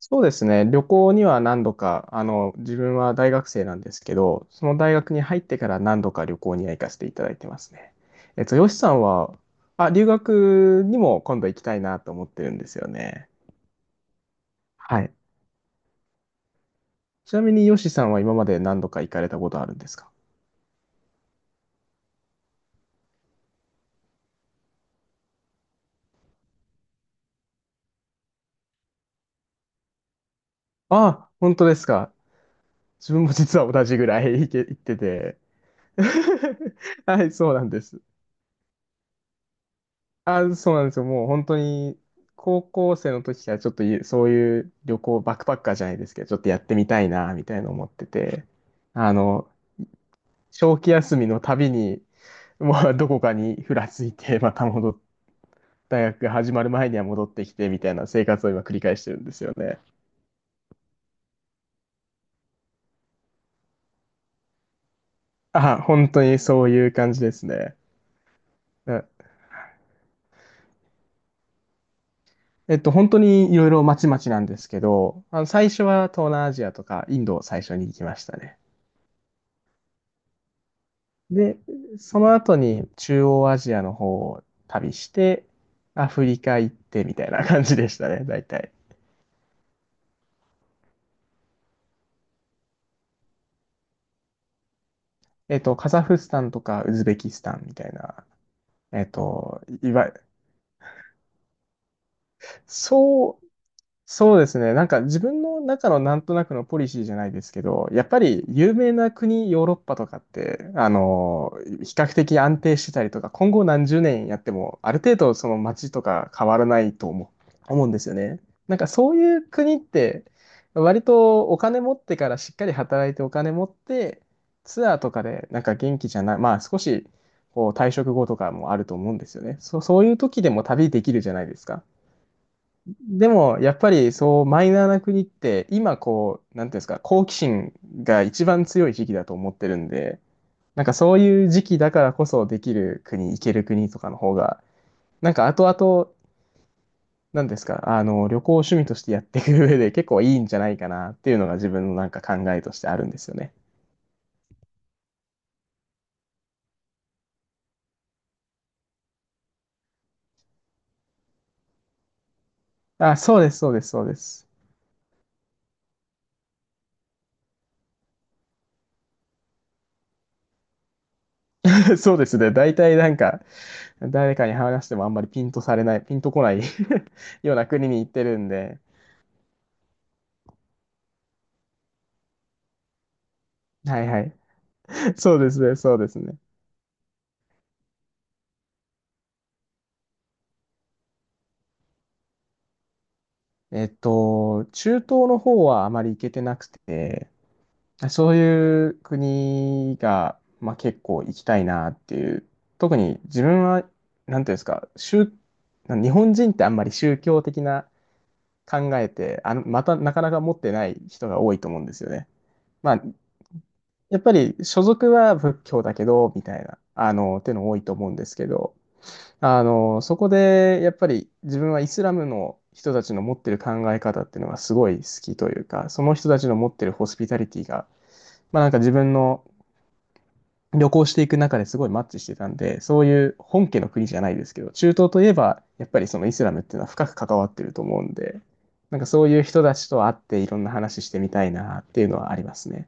そうですね。旅行には何度か、自分は大学生なんですけど、その大学に入ってから何度か旅行には行かせていただいてますね。ヨシさんは、あ、留学にも今度行きたいなと思ってるんですよね。はい。ちなみにヨシさんは今まで何度か行かれたことあるんですか？あ、本当ですか。自分も実は同じぐらい行ってて。はい、そうなんです。あ、そうなんですよ。もう本当に、高校生の時からちょっとゆそういう旅行、バックパッカーじゃないですけど、ちょっとやってみたいな、みたいな思ってて、あの、長期休みのたびに、まあ、どこかにふらついて、また戻っ大学が始まる前には戻ってきて、みたいな生活を今繰り返してるんですよね。あ、本当にそういう感じですね。だ本当にいろいろまちまちなんですけど、あの、最初は東南アジアとかインドを最初に行きましたね。で、その後に中央アジアの方を旅して、アフリカ行ってみたいな感じでしたね、大体。えっと、カザフスタンとかウズベキスタンみたいな、えっと、いわゆる、そう、そうですね。なんか自分の中のなんとなくのポリシーじゃないですけど、やっぱり有名な国、ヨーロッパとかって、あの、比較的安定してたりとか、今後何十年やっても、ある程度その街とか変わらないと思うんですよね。なんかそういう国って、割とお金持ってからしっかり働いてお金持って、ツアーとかでなんか元気じゃない、まあ少しこう退職後とかもあると思うんですよね。そういう時でも旅できるじゃないですか。でも、やっぱりそう、マイナーな国って、今こう、なんていうんですか、好奇心が一番強い時期だと思ってるんで、なんかそういう時期だからこそできる国、行ける国とかの方が、なんか後々、なんですか、あの、旅行を趣味としてやっていく上で 結構いいんじゃないかなっていうのが自分のなんか考えとしてあるんですよね。あ、そうです、そうです、そうです。そうですね。大体なんか、誰かに話してもあんまりピンとこない ような国に行ってるんで、はいはい。そうですね、そうですね。えっと、中東の方はあまり行けてなくて、そういう国が、まあ、結構行きたいなっていう、特に自分は、なんていうんですか、日本人ってあんまり宗教的な考えて、あの、またなかなか持ってない人が多いと思うんですよね。まあ、やっぱり所属は仏教だけど、みたいな、あの、っていうの多いと思うんですけど、あの、そこでやっぱり自分はイスラムの人たちの持ってる考え方っていうのがすごい好きというか、その人たちの持ってるホスピタリティが、まあなんか自分の旅行していく中ですごいマッチしてたんで、そういう本家の国じゃないですけど、中東といえばやっぱりそのイスラムっていうのは深く関わってると思うんで、なんかそういう人たちと会っていろんな話してみたいなっていうのはありますね。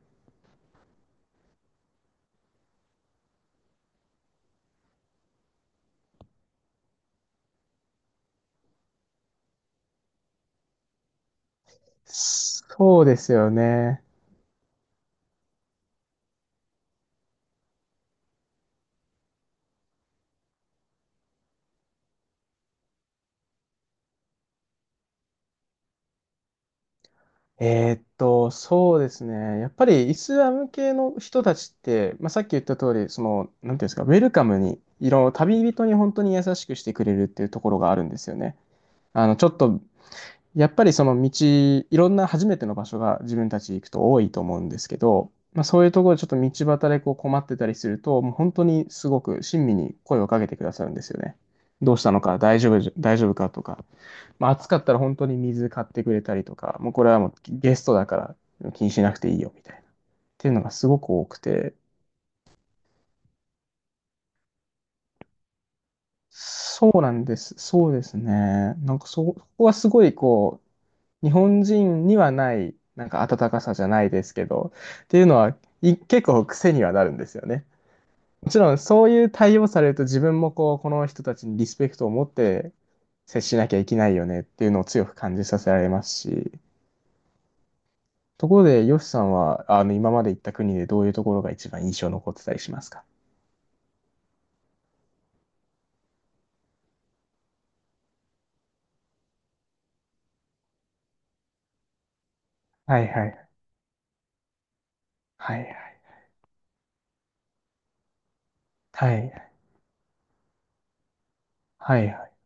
そうですよね。そうですね。やっぱりイスラム系の人たちって、まあ、さっき言った通り、その、なんていうんですか、ウェルカムに、旅人に本当に優しくしてくれるっていうところがあるんですよね。あの、ちょっと、やっぱりその道、いろんな初めての場所が自分たち行くと多いと思うんですけど、まあ、そういうところでちょっと道端でこう困ってたりすると、もう本当にすごく親身に声をかけてくださるんですよね。どうしたのか、大丈夫かとか、まあ、暑かったら本当に水買ってくれたりとか、もうこれはもうゲストだから気にしなくていいよみたいな。っていうのがすごく多くて、そうなんです。そうですね。なんかそこはすごいこう、日本人にはない、なんか温かさじゃないですけど、っていうのは、結構癖にはなるんですよね。もちろんそういう対応されると自分もこう、この人たちにリスペクトを持って接しなきゃいけないよねっていうのを強く感じさせられますし、ところで、ヨシさんは、あの、今まで行った国でどういうところが一番印象残ってたりしますか？はいはい。はいはい。はいはい。はいはい。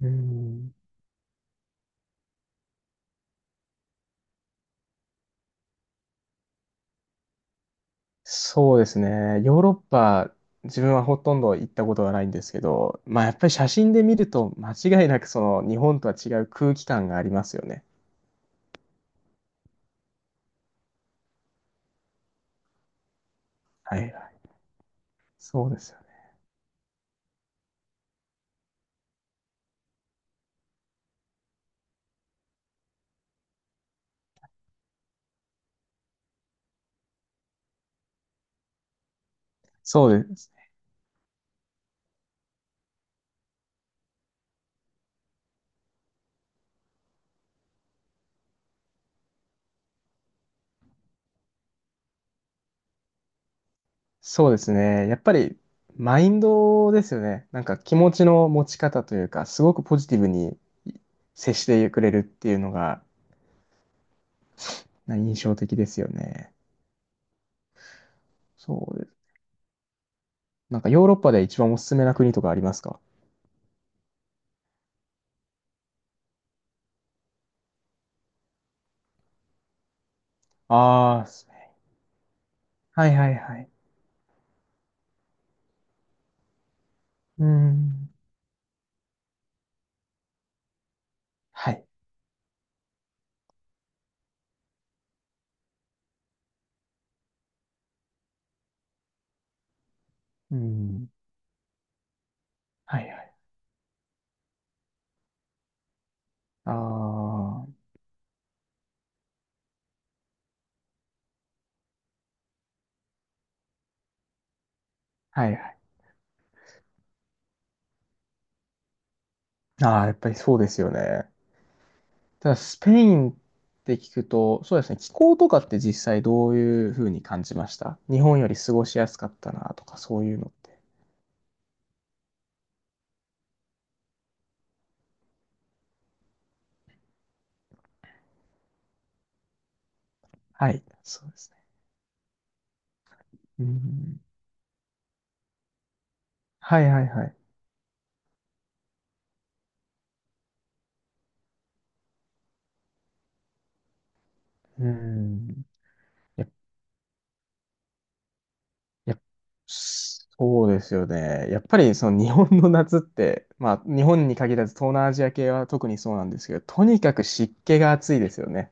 うん。そうですね。ヨーロッパ、自分はほとんど行ったことがないんですけど、まあやっぱり写真で見ると間違いなくその日本とは違う空気感がありますよね。はいはい。そうですよね。そうです。そうですね。やっぱりマインドですよね。なんか気持ちの持ち方というか、すごくポジティブに接してくれるっていうのが印象的ですよね。そうです。なんかヨーロッパで一番おすすめな国とかありますか？ああー、はいはいはい。うん。はい。うーん。はいはい。ああ、はいはい。ああ、やっぱりそうですよね。ただ、スペインって聞くと、そうですね、気候とかって実際どういうふうに感じました？日本より過ごしやすかったなとか、そういうのって。はい、そうですね。うん。はいはいはい。うーん。いやそうですよね。やっぱりその日本の夏って、まあ日本に限らず東南アジア系は特にそうなんですけど、とにかく湿気が暑いですよね。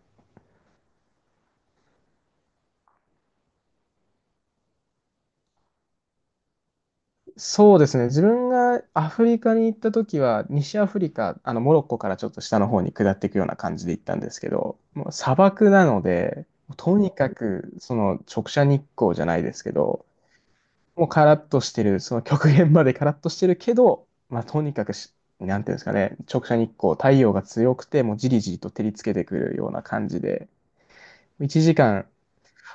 そうですね。自分がアフリカに行った時は、西アフリカ、あのモロッコからちょっと下の方に下っていくような感じで行ったんですけど、もう砂漠なので、とにかくその直射日光じゃないですけど、もうカラッとしてる、その極限までカラッとしてるけど、まあとにかくし、なんていうんですかね、直射日光、太陽が強くて、もうじりじりと照りつけてくるような感じで、1時間、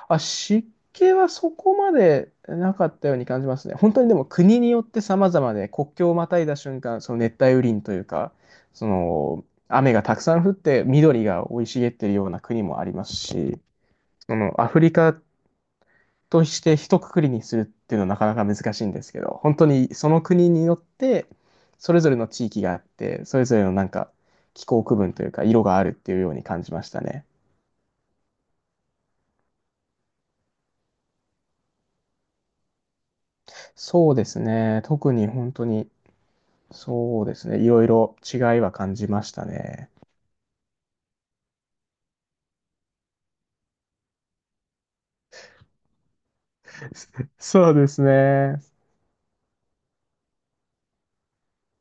あ、湿気はそこまでなかったように感じますね。本当にでも国によって様々で、国境をまたいだ瞬間、その熱帯雨林というか、その雨がたくさん降って緑が生い茂ってるような国もありますし、そのアフリカとして一括りにするっていうのはなかなか難しいんですけど、本当にその国によってそれぞれの地域があって、それぞれのなんか気候区分というか色があるっていうように感じましたね。そうですね。特に本当にそうですね。いろいろ違いは感じましたね。そうですね。